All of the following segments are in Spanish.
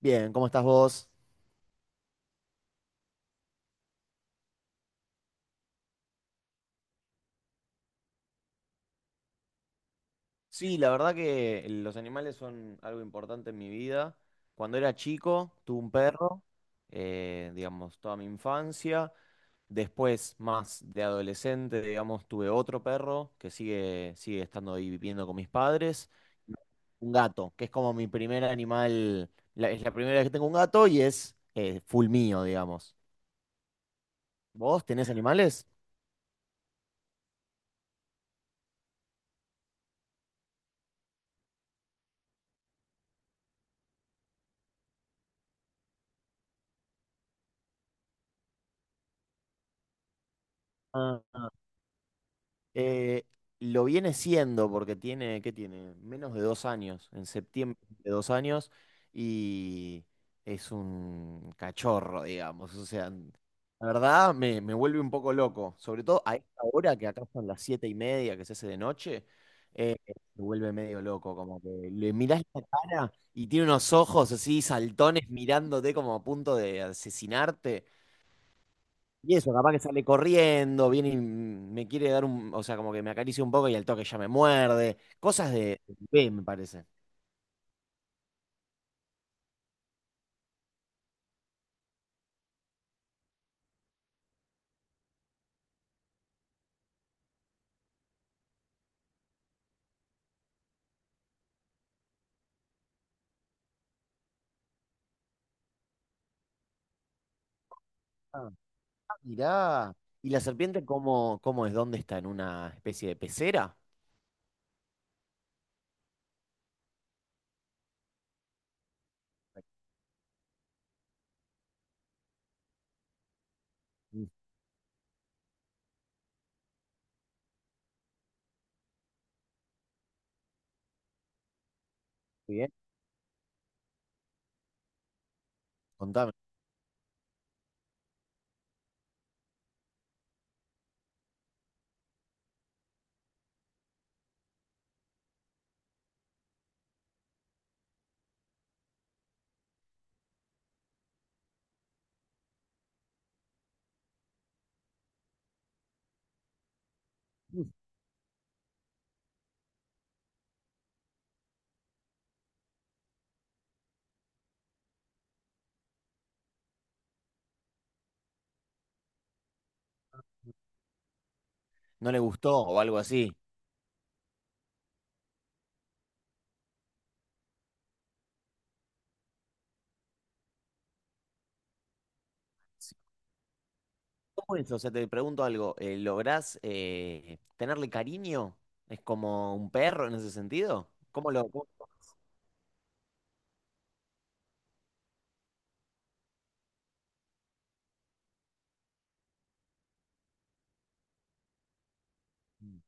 Bien, ¿cómo estás vos? Sí, la verdad que los animales son algo importante en mi vida. Cuando era chico, tuve un perro, digamos, toda mi infancia. Después, más de adolescente, digamos, tuve otro perro que sigue estando ahí viviendo con mis padres. Un gato, que es como mi primer animal, es la primera vez que tengo un gato y es full mío, digamos. ¿Vos tenés animales? Ah. Eh, lo viene siendo porque tiene, ¿qué tiene? Menos de 2 años, en septiembre de 2 años, y es un cachorro, digamos. O sea, la verdad me vuelve un poco loco, sobre todo a esta hora que acá son las 7:30 que se hace de noche, eh, me vuelve medio loco, como que le mirás la cara y tiene unos ojos así saltones mirándote como a punto de asesinarte. Y eso, capaz que sale corriendo, viene y me quiere dar un, o sea, como que me acaricia un poco y al toque ya me muerde. Cosas de bebé, me parece. Ah, ah, mirá. ¿Y la serpiente cómo, cómo es? ¿Dónde está? ¿En una especie de pecera? Mm. Bien, contame. Mm. ¿No le gustó o algo así? Sí. ¿Cómo es? O sea, te pregunto algo. ¿Lográs tenerle cariño? ¿Es como un perro en ese sentido? ¿Cómo lo...? Mm.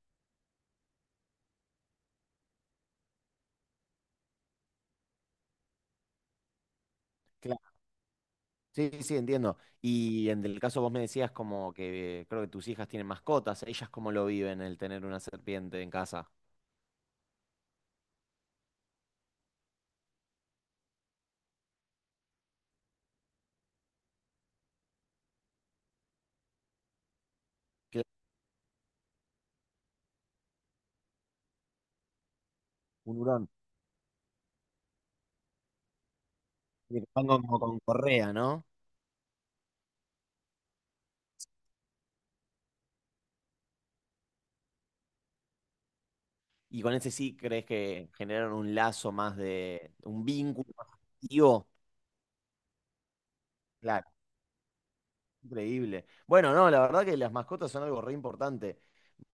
Sí, sí, entiendo. Y en el caso vos me decías como que creo que tus hijas tienen mascotas, ellas cómo lo viven el tener una serpiente en casa. Claro. Un hurón. Y van como con correa, ¿no? Y con ese sí crees que generaron un lazo más de, un vínculo más afectivo. Claro, increíble. Bueno, no, la verdad que las mascotas son algo re importante.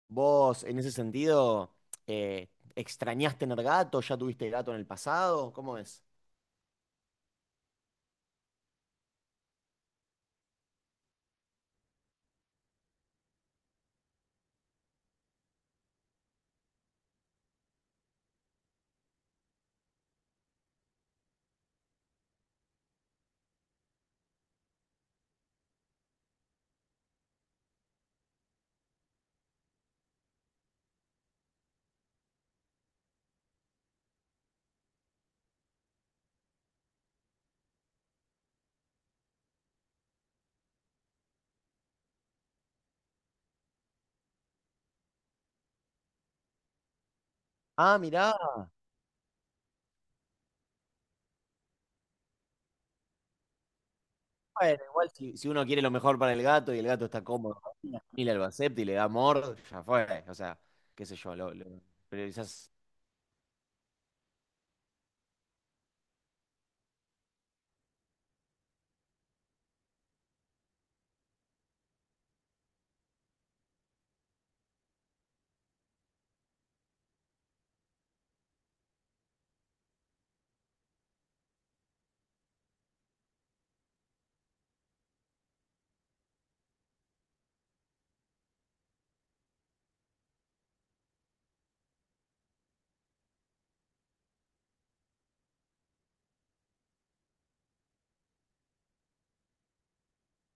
Vos, en ese sentido, eh, ¿extrañás tener gato? ¿Ya tuviste gato en el pasado? ¿Cómo es? Ah, mirá. Bueno, igual si, si uno quiere lo mejor para el gato y el gato está cómodo, y la familia lo acepta y le da amor, ya fue. O sea, qué sé yo, pero quizás,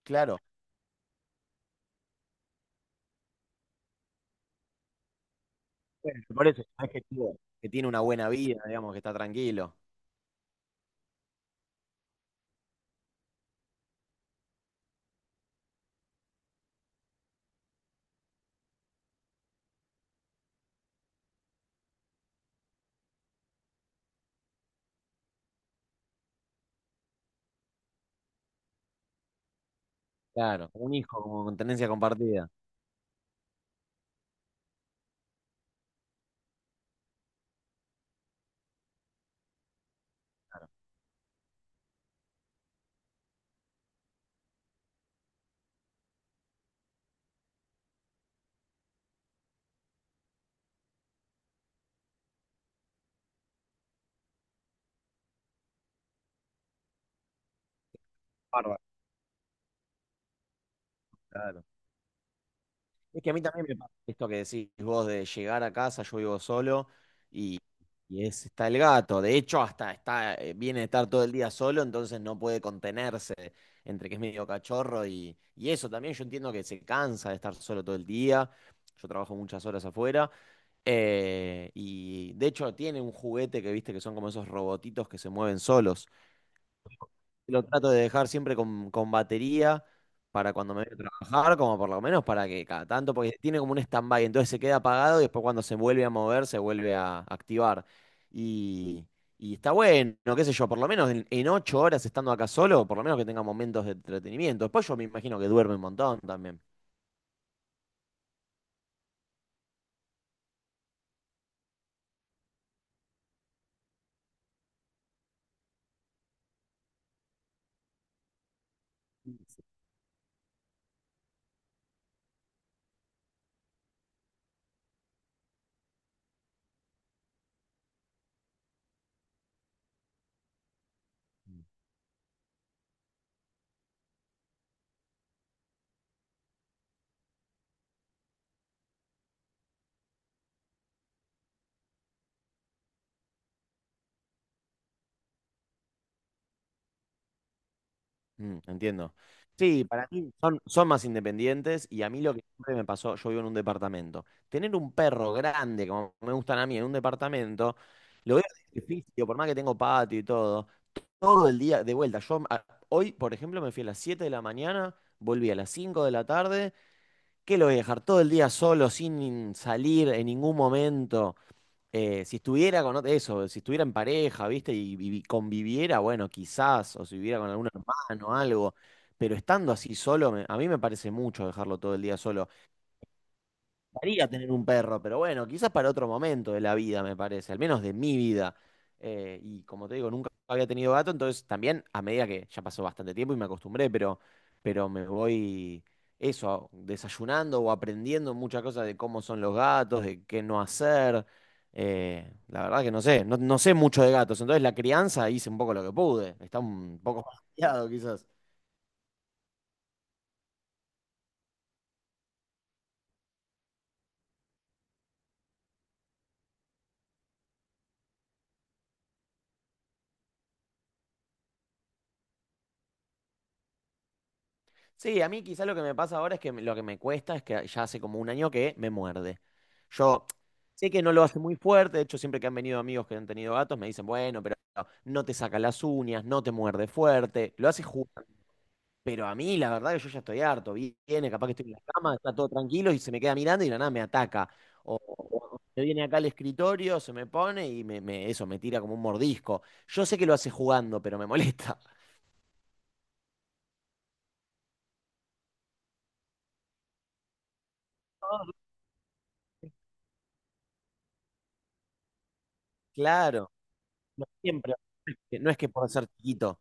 claro, bueno, por eso es que, que tiene una buena vida, digamos, que está tranquilo. Claro, un hijo como con tendencia compartida. Bárbaro. Claro. Es que a mí también me pasa esto que decís vos de llegar a casa, yo vivo solo y, y es, está el gato. De hecho, hasta está, viene a estar todo el día solo, entonces no puede contenerse entre que es medio cachorro y eso. También yo entiendo que se cansa de estar solo todo el día. Yo trabajo muchas horas afuera. Y de hecho tiene un juguete que viste que son como esos robotitos que se mueven solos. Lo trato de dejar siempre con batería para cuando me voy a trabajar, como por lo menos para que cada tanto, porque tiene como un stand-by, entonces se queda apagado y después cuando se vuelve a mover, se vuelve a activar. Y, y está bueno, qué sé yo, por lo menos en 8 horas estando acá solo, por lo menos que tenga momentos de entretenimiento. Después yo me imagino que duerme un montón también. Mm, entiendo. Sí, para mí son más independientes y a mí lo que siempre me pasó, yo vivo en un departamento. Tener un perro grande, como me gustan a mí, en un departamento, lo veo difícil, por más que tengo patio y todo, todo el día de vuelta. Hoy, por ejemplo, me fui a las 7 de la mañana, volví a las 5 de la tarde, que lo voy a dejar todo el día solo, sin salir en ningún momento. Si estuviera con eso, si estuviera en pareja, ¿viste? Y, conviviera, bueno, quizás, o si viviera con algún hermano, algo, pero estando así solo, a mí me parece mucho dejarlo todo el día solo. Gustaría tener un perro, pero bueno, quizás para otro momento de la vida, me parece, al menos de mi vida. Y como te digo, nunca había tenido gato, entonces también a medida que ya pasó bastante tiempo y me acostumbré, pero, me voy eso, desayunando o aprendiendo muchas cosas de cómo son los gatos, de qué no hacer. La verdad que no sé, no, no sé mucho de gatos, entonces la crianza hice un poco lo que pude, está un poco más quizás. Sí, a mí quizá lo que me pasa ahora es que lo que me cuesta es que ya hace como un año que me muerde. Yo sé que no lo hace muy fuerte, de hecho siempre que han venido amigos que han tenido gatos me dicen, bueno, pero no te saca las uñas, no te muerde fuerte, lo hace jugando. Pero a mí la verdad que yo ya estoy harto, viene, capaz que estoy en la cama, está todo tranquilo y se me queda mirando y de la nada me ataca. O, o se viene acá al escritorio, se me pone y eso, me tira como un mordisco. Yo sé que lo hace jugando, pero me molesta. Claro. No siempre. No es que por ser chiquito.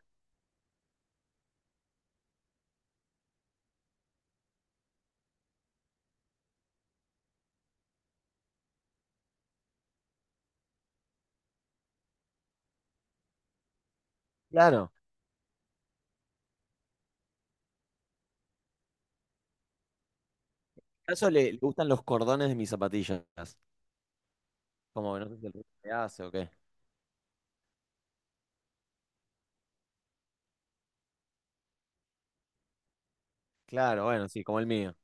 Claro. A eso le, le gustan los cordones de mis zapatillas. Como que no sé si el ruido que hace o qué. Claro, bueno, sí, como el mío.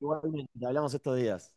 Igualmente, hablamos estos días.